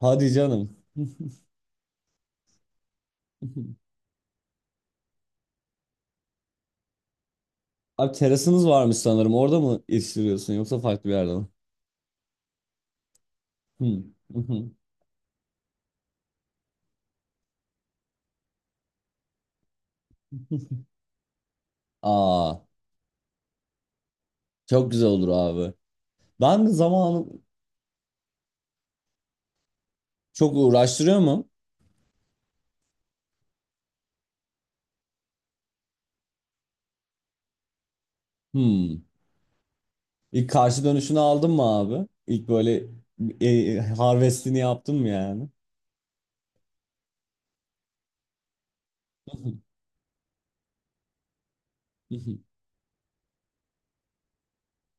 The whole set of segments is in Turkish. Hadi canım. Abi terasınız varmış sanırım. Orada mı yetiştiriyorsun yoksa farklı bir yerde mi? Hmm. Aa, çok güzel olur abi. Ben de zamanı çok uğraştırıyor mu? Hmm. İlk karşı dönüşünü aldın mı abi? İlk böyle harvestini yaptın mı yani?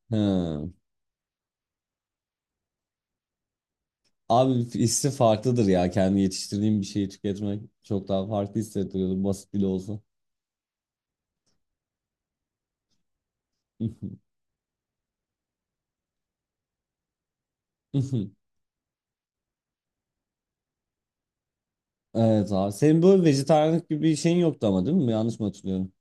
Hmm. Abi hissi farklıdır ya. Kendi yetiştirdiğim bir şeyi tüketmek çok daha farklı hissettiriyordu. Basit bile olsa. Evet abi. Senin böyle vejetaryenlik gibi bir şeyin yoktu ama değil mi? Yanlış mı hatırlıyorum?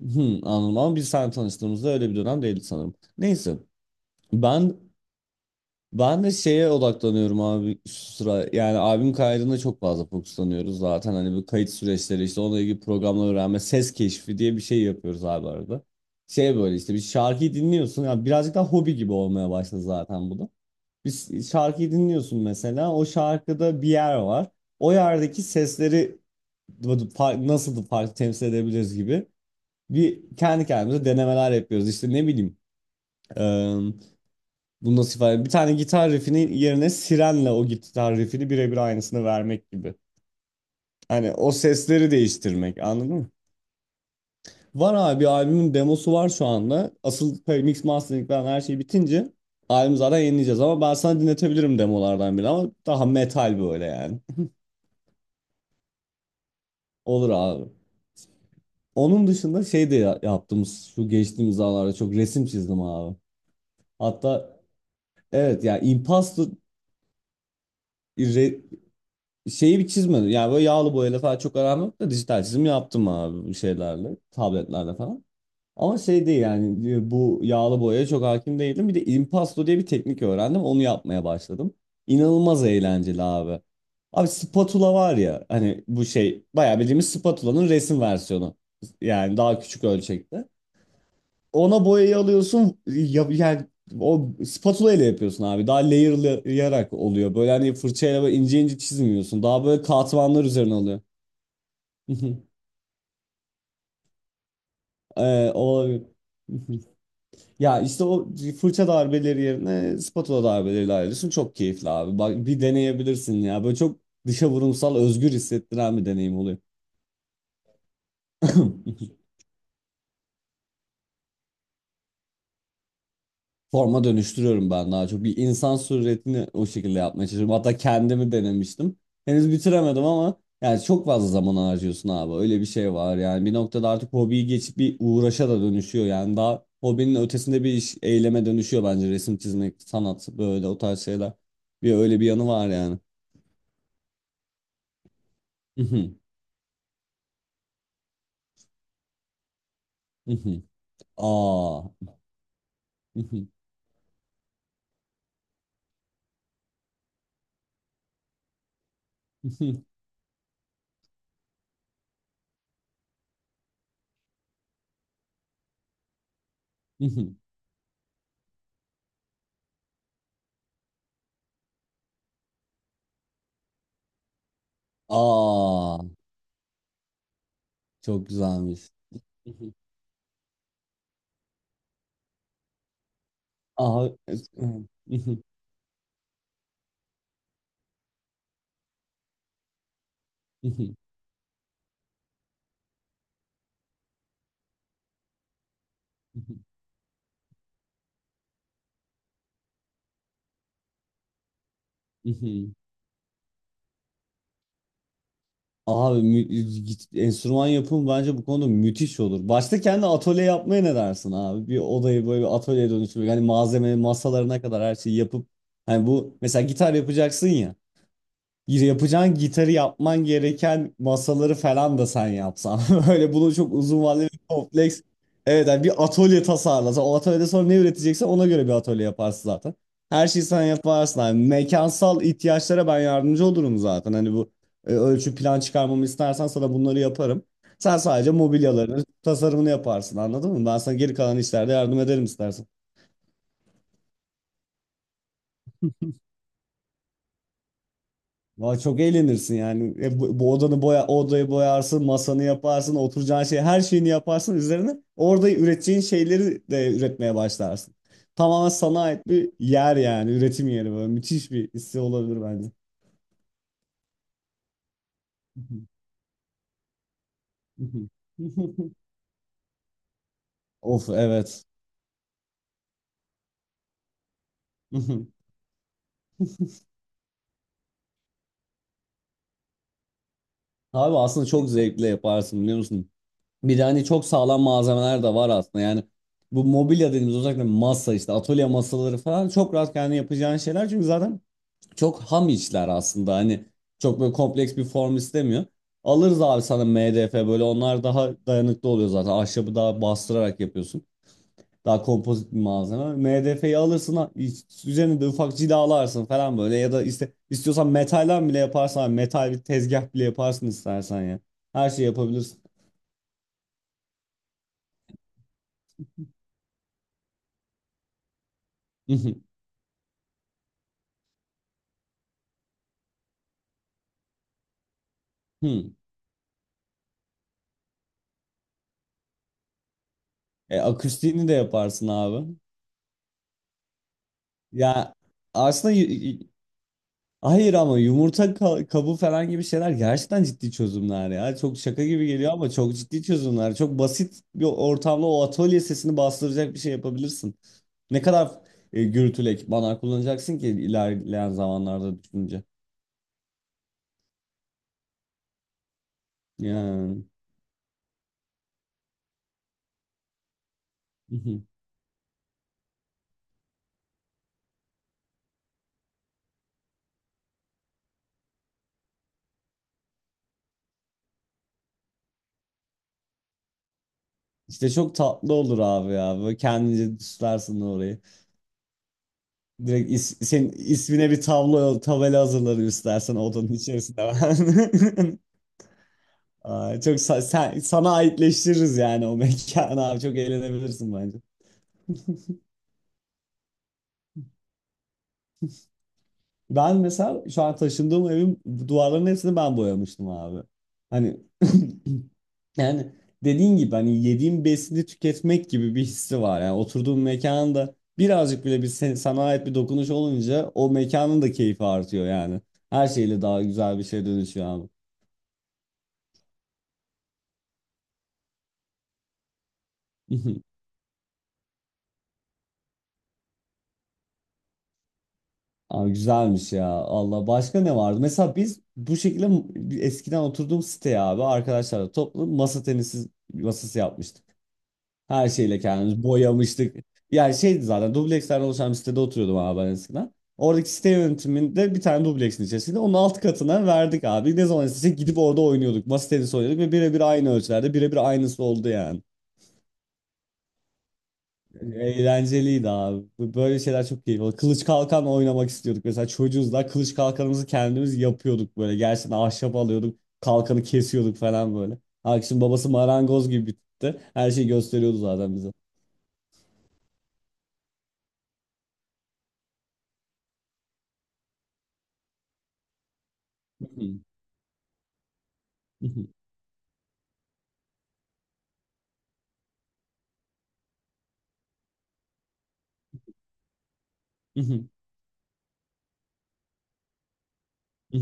Hı, anladım ama biz sen tanıştığımızda öyle bir dönem değildi sanırım. Neyse. Ben ben de şeye odaklanıyorum abi şu sıra. Yani albüm kaydına çok fazla fokuslanıyoruz zaten. Hani bu kayıt süreçleri işte onunla ilgili programlar öğrenme, ses keşfi diye bir şey yapıyoruz abi arada. Şey böyle işte bir şarkıyı dinliyorsun. Yani birazcık daha hobi gibi olmaya başladı zaten bu da. Bir şarkıyı dinliyorsun mesela. O şarkıda bir yer var. O yerdeki sesleri nasıl bu farkı temsil edebiliriz gibi bir kendi kendimize denemeler yapıyoruz. İşte ne bileyim eee bunu nasıl ifade edeyim? Bir tane gitar riffinin yerine sirenle o gitar riffini birebir aynısını vermek gibi. Hani o sesleri değiştirmek anladın mı? Var abi albümün demosu var şu anda. Asıl mix mastering falan her şey bitince albümü zaten yenileyeceğiz ama ben sana dinletebilirim demolardan bile ama daha metal böyle yani. Olur abi. Onun dışında şey de yaptım şu geçtiğimiz zamanlarda çok resim çizdim abi. Hatta evet yani impasto re- şeyi bir çizmedim. Yani böyle yağlı boyayla falan çok aram yok da dijital çizim yaptım abi bir şeylerle, tabletlerle falan. Ama şey değil yani bu yağlı boyaya çok hakim değilim. Bir de impasto diye bir teknik öğrendim. Onu yapmaya başladım. İnanılmaz eğlenceli abi. Abi spatula var ya hani bu şey bayağı bildiğimiz spatulanın resim versiyonu. Yani daha küçük ölçekte. Ona boyayı alıyorsun ya, yani o spatula ile yapıyorsun abi. Daha layer'layarak oluyor. Böyle hani fırçayla böyle ince ince çizmiyorsun. Daha böyle katmanlar üzerine oluyor. Olabilir. Ya işte o fırça darbeleri yerine spatula darbeleriyle ayrılıyorsun. Çok keyifli abi. Bak bir deneyebilirsin ya. Böyle çok dışa vurumsal özgür hissettiren bir deneyim oluyor. Forma dönüştürüyorum ben daha çok. Bir insan suretini o şekilde yapmaya çalışıyorum. Hatta kendimi denemiştim. Henüz bitiremedim ama yani çok fazla zaman harcıyorsun abi. Öyle bir şey var. Yani bir noktada artık hobiyi geçip bir uğraşa da dönüşüyor. Yani daha hobinin ötesinde bir iş, eyleme dönüşüyor bence. Resim çizmek, sanat böyle o tarz şeyler. Bir öyle bir yanı var yani. Mhm, mhm. Aa. Mhm, mhm, mhm. Aa. Çok güzelmiş. Mhm. Aa. Mhm, mhm, mhm, mhm, mhm. Abi enstrüman yapımı bence bu konuda müthiş olur. Başta kendi atölye yapmaya ne dersin abi? Bir odayı böyle bir atölyeye dönüştürmek. Hani malzeme masalarına kadar her şeyi yapıp. Hani bu mesela gitar yapacaksın ya yapacağın gitarı yapman gereken masaları falan da sen yapsan. Böyle bunu çok uzun vadeli bir kompleks. Evet yani bir atölye tasarlasan. O atölyede sonra ne üreteceksen ona göre bir atölye yaparsın zaten. Her şeyi sen yaparsın. Yani mekansal ihtiyaçlara ben yardımcı olurum zaten. Hani bu ölçü plan çıkarmamı istersen sana bunları yaparım. Sen sadece mobilyaların tasarımını yaparsın anladın mı? Ben sana geri kalan işlerde yardım ederim istersen. Valla çok eğlenirsin yani. E, bu odanı boya, odayı boyarsın, masanı yaparsın, oturacağın şey, her şeyini yaparsın üzerine. Orada üreteceğin şeyleri de üretmeye başlarsın. Tamamen sana ait bir yer yani, üretim yeri böyle. Müthiş bir hissi olabilir bence. Of evet. Abi aslında çok zevkle yaparsın biliyor musun? Bir de hani çok sağlam malzemeler de var aslında. Yani bu mobilya dediğimiz özellikle masa işte atölye masaları falan çok rahat kendi yapacağın şeyler. Çünkü zaten çok ham işler aslında hani çok böyle kompleks bir form istemiyor. Alırız abi sana MDF böyle onlar daha dayanıklı oluyor zaten. Ahşabı daha bastırarak yapıyorsun. Daha kompozit bir malzeme. MDF'yi alırsın üzerine de ufak cilalarsın falan böyle ya da işte istiyorsan metalden bile yaparsan abi, metal bir tezgah bile yaparsın istersen ya. Her şeyi yapabilirsin. Hı. E, akustiğini de yaparsın abi. Ya aslında hayır ama yumurta kabuğu falan gibi şeyler gerçekten ciddi çözümler ya. Çok şaka gibi geliyor ama çok ciddi çözümler. Çok basit bir ortamda o atölye sesini bastıracak bir şey yapabilirsin. Ne kadar gürültülü ekipmanlar kullanacaksın ki ilerleyen zamanlarda düşünce. Yani. İşte çok tatlı olur abi ya. Böyle kendince süslersin orayı. Direkt senin ismine bir tablo, tabela hazırlarım istersen odanın içerisinde. Aa, çok sana aitleştiririz yani o mekanı abi çok eğlenebilirsin bence. Ben mesela şu an taşındığım evin duvarlarının hepsini ben boyamıştım abi. Hani yani dediğin gibi hani yediğim besini tüketmek gibi bir hissi var. Yani oturduğum mekanda birazcık bile bir sana ait bir dokunuş olunca o mekanın da keyfi artıyor yani. Her şeyle daha güzel bir şey dönüşüyor abi. Aa, güzelmiş ya. Allah başka ne vardı? Mesela biz bu şekilde eskiden oturduğum siteye abi arkadaşlarla toplu masa tenisi masası yapmıştık. Her şeyle kendimiz boyamıştık. Yani şeydi zaten dublekslerden oluşan bir sitede oturuyordum abi ben eskiden. Oradaki site yönetiminde bir tane dubleksin içerisinde onun alt katına verdik abi. Ne zaman istesek gidip orada oynuyorduk. Masa tenisi oynuyorduk ve birebir aynı ölçülerde birebir aynısı oldu yani. Eğlenceliydi abi. Böyle şeyler çok keyifli. Kılıç kalkan oynamak istiyorduk. Mesela çocuğuz da kılıç kalkanımızı kendimiz yapıyorduk böyle. Gerçekten ahşap alıyorduk. Kalkanı kesiyorduk falan böyle. Arkadaşın babası marangoz gibi bir tipti. Her şeyi gösteriyordu zaten bize.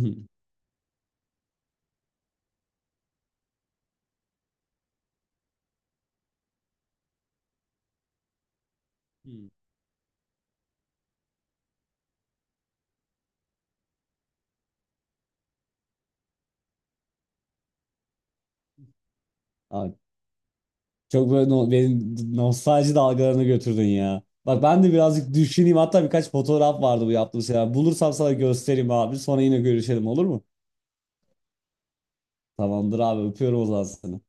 Abi, çok böyle no benim nostalji dalgalarına götürdün ya. Bak ben de birazcık düşüneyim. Hatta birkaç fotoğraf vardı bu yaptığım şeyler. Bulursam sana göstereyim abi. Sonra yine görüşelim olur mu? Tamamdır abi öpüyorum o zaman seni.